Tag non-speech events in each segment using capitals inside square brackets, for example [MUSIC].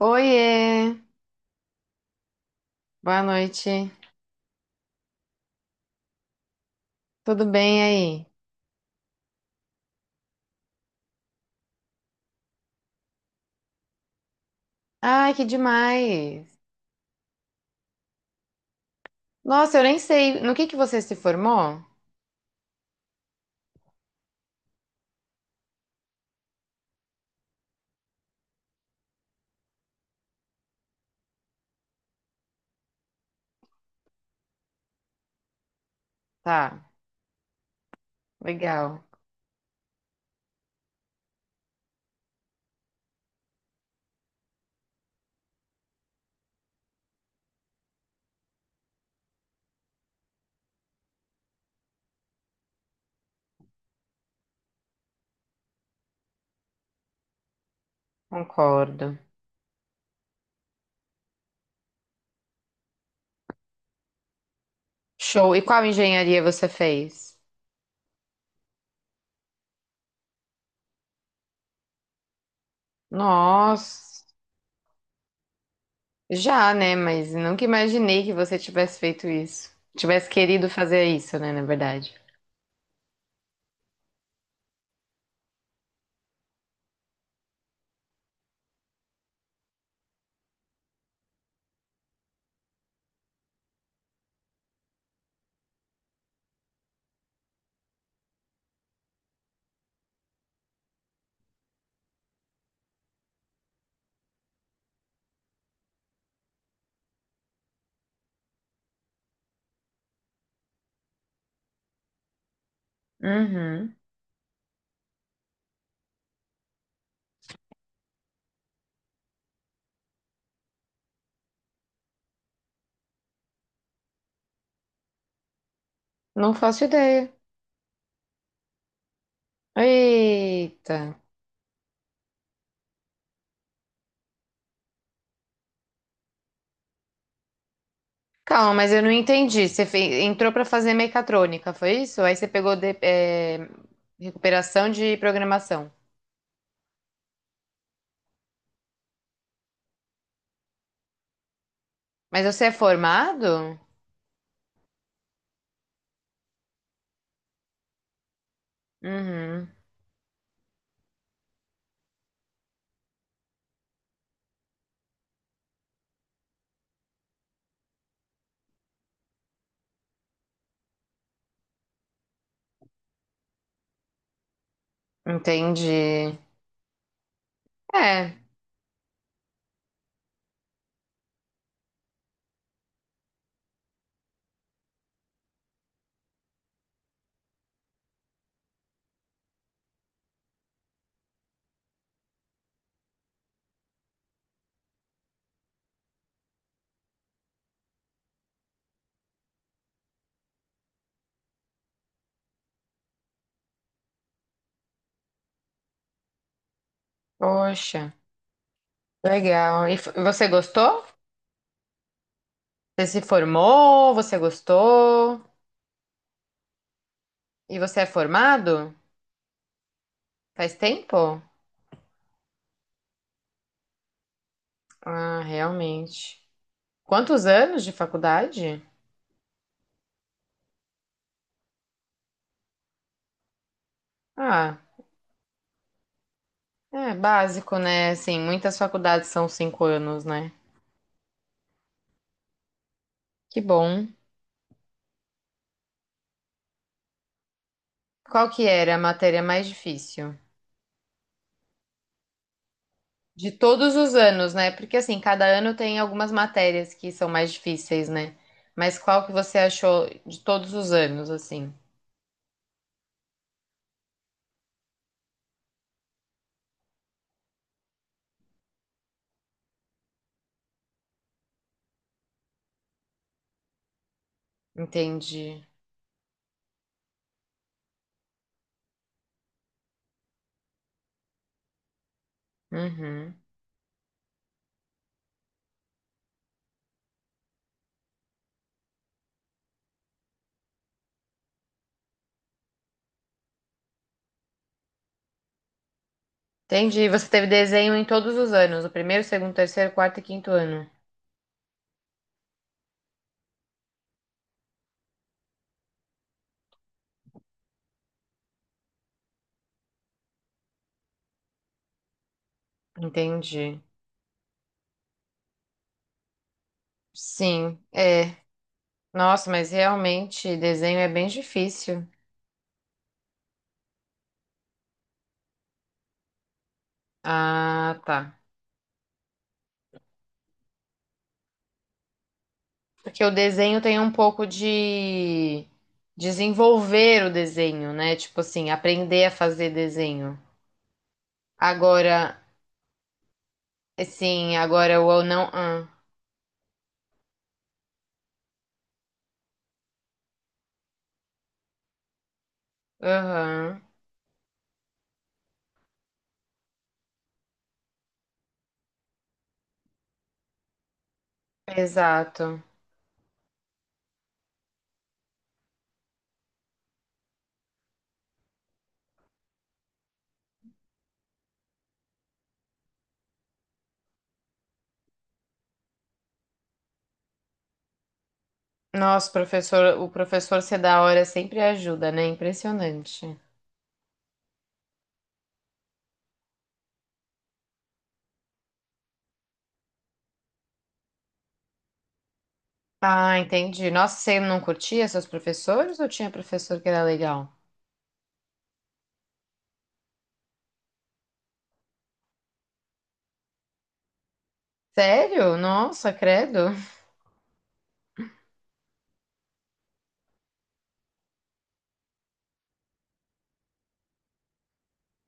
Oiê, boa noite. Tudo bem aí? Ai, que demais. Nossa, eu nem sei. No que você se formou? Tá, legal. Concordo. Show. E qual engenharia você fez? Nossa, já, né? Mas nunca imaginei que você tivesse feito isso. Tivesse querido fazer isso, né? Na verdade. Uhum. Não faço ideia. Eita. Calma, mas eu não entendi. Você fe- entrou para fazer mecatrônica, foi isso? Aí você pegou de- recuperação de programação. Mas você é formado? Uhum, entendi. É, poxa, legal. E f- você gostou? Você se formou? Você gostou? E você é formado? Faz tempo? Ah, realmente. Quantos anos de faculdade? Ah, é básico, né? Assim, muitas faculdades são 5 anos, né? Que bom. Qual que era a matéria mais difícil? De todos os anos, né? Porque assim, cada ano tem algumas matérias que são mais difíceis, né? Mas qual que você achou de todos os anos, assim? Entendi. Uhum. Entendi. Você teve desenho em todos os anos, o primeiro, segundo, terceiro, quarto e quinto ano. Entendi. Sim, é. Nossa, mas realmente desenho é bem difícil. Ah, tá. Porque o desenho tem um pouco de desenvolver o desenho, né? Tipo assim, aprender a fazer desenho. Agora, sim, agora o ou não. Ah, aham, exato. Nossa, professor, o professor ser da hora sempre ajuda, né? Impressionante. Ah, entendi. Nossa, você não curtia seus professores ou tinha professor que era legal? Sério? Nossa, credo.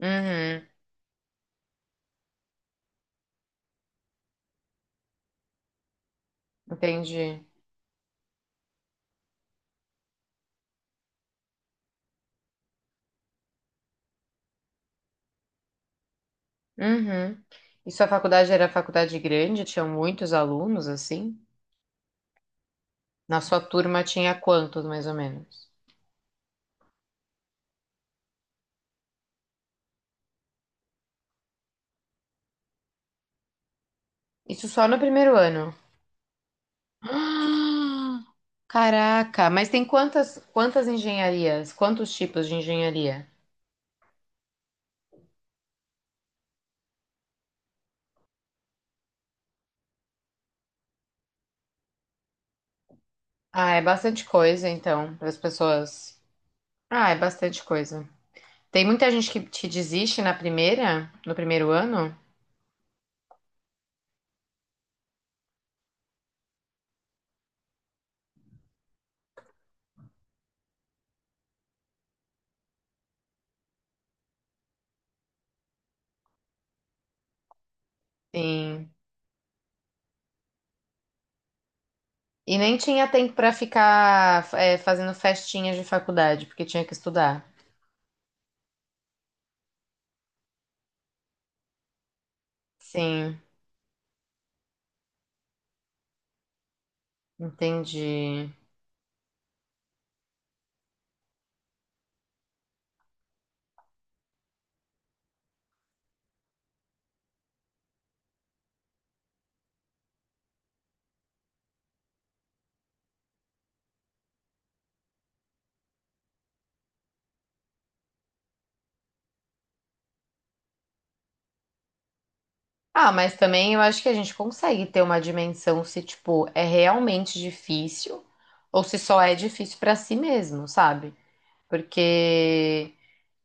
Uhum, entendi. Uhum. E sua faculdade era faculdade grande? Tinha muitos alunos, assim? Na sua turma tinha quantos, mais ou menos? Isso só no primeiro ano. [GASPS] Ah! Caraca, mas tem quantas engenharias? Quantos tipos de engenharia? Ah, é bastante coisa, então, para as pessoas. Ah, é bastante coisa. Tem muita gente que te desiste na primeira, no primeiro ano? Sim. E nem tinha tempo para ficar, fazendo festinhas de faculdade, porque tinha que estudar. Sim, entendi. Ah, mas também eu acho que a gente consegue ter uma dimensão se, tipo, é realmente difícil ou se só é difícil pra si mesmo, sabe? Porque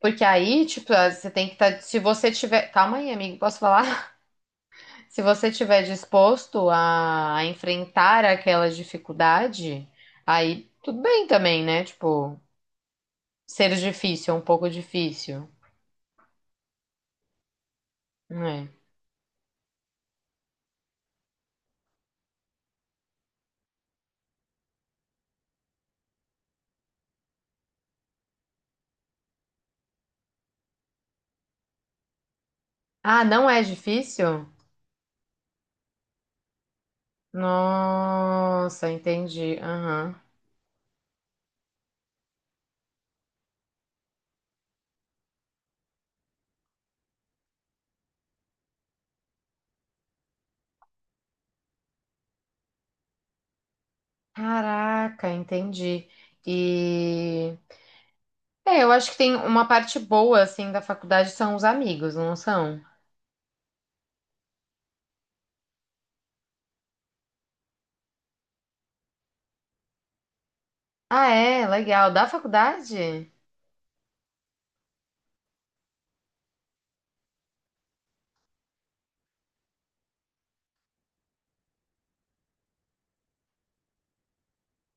porque aí, tipo, ah, você tem que estar, se você tiver, calma aí, amigo, posso falar? [LAUGHS] Se você tiver disposto a enfrentar aquela dificuldade, aí tudo bem também, né? Tipo, ser difícil é um pouco difícil, né? Ah, não é difícil? Nossa, entendi. Aham. Caraca, entendi. E eu acho que tem uma parte boa assim da faculdade são os amigos, não são? Ah, é, legal. Da faculdade?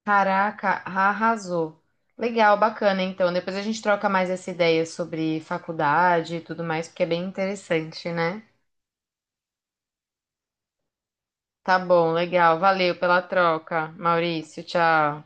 Caraca, arrasou. Legal, bacana. Então, depois a gente troca mais essa ideia sobre faculdade e tudo mais, porque é bem interessante, né? Tá bom, legal. Valeu pela troca, Maurício. Tchau.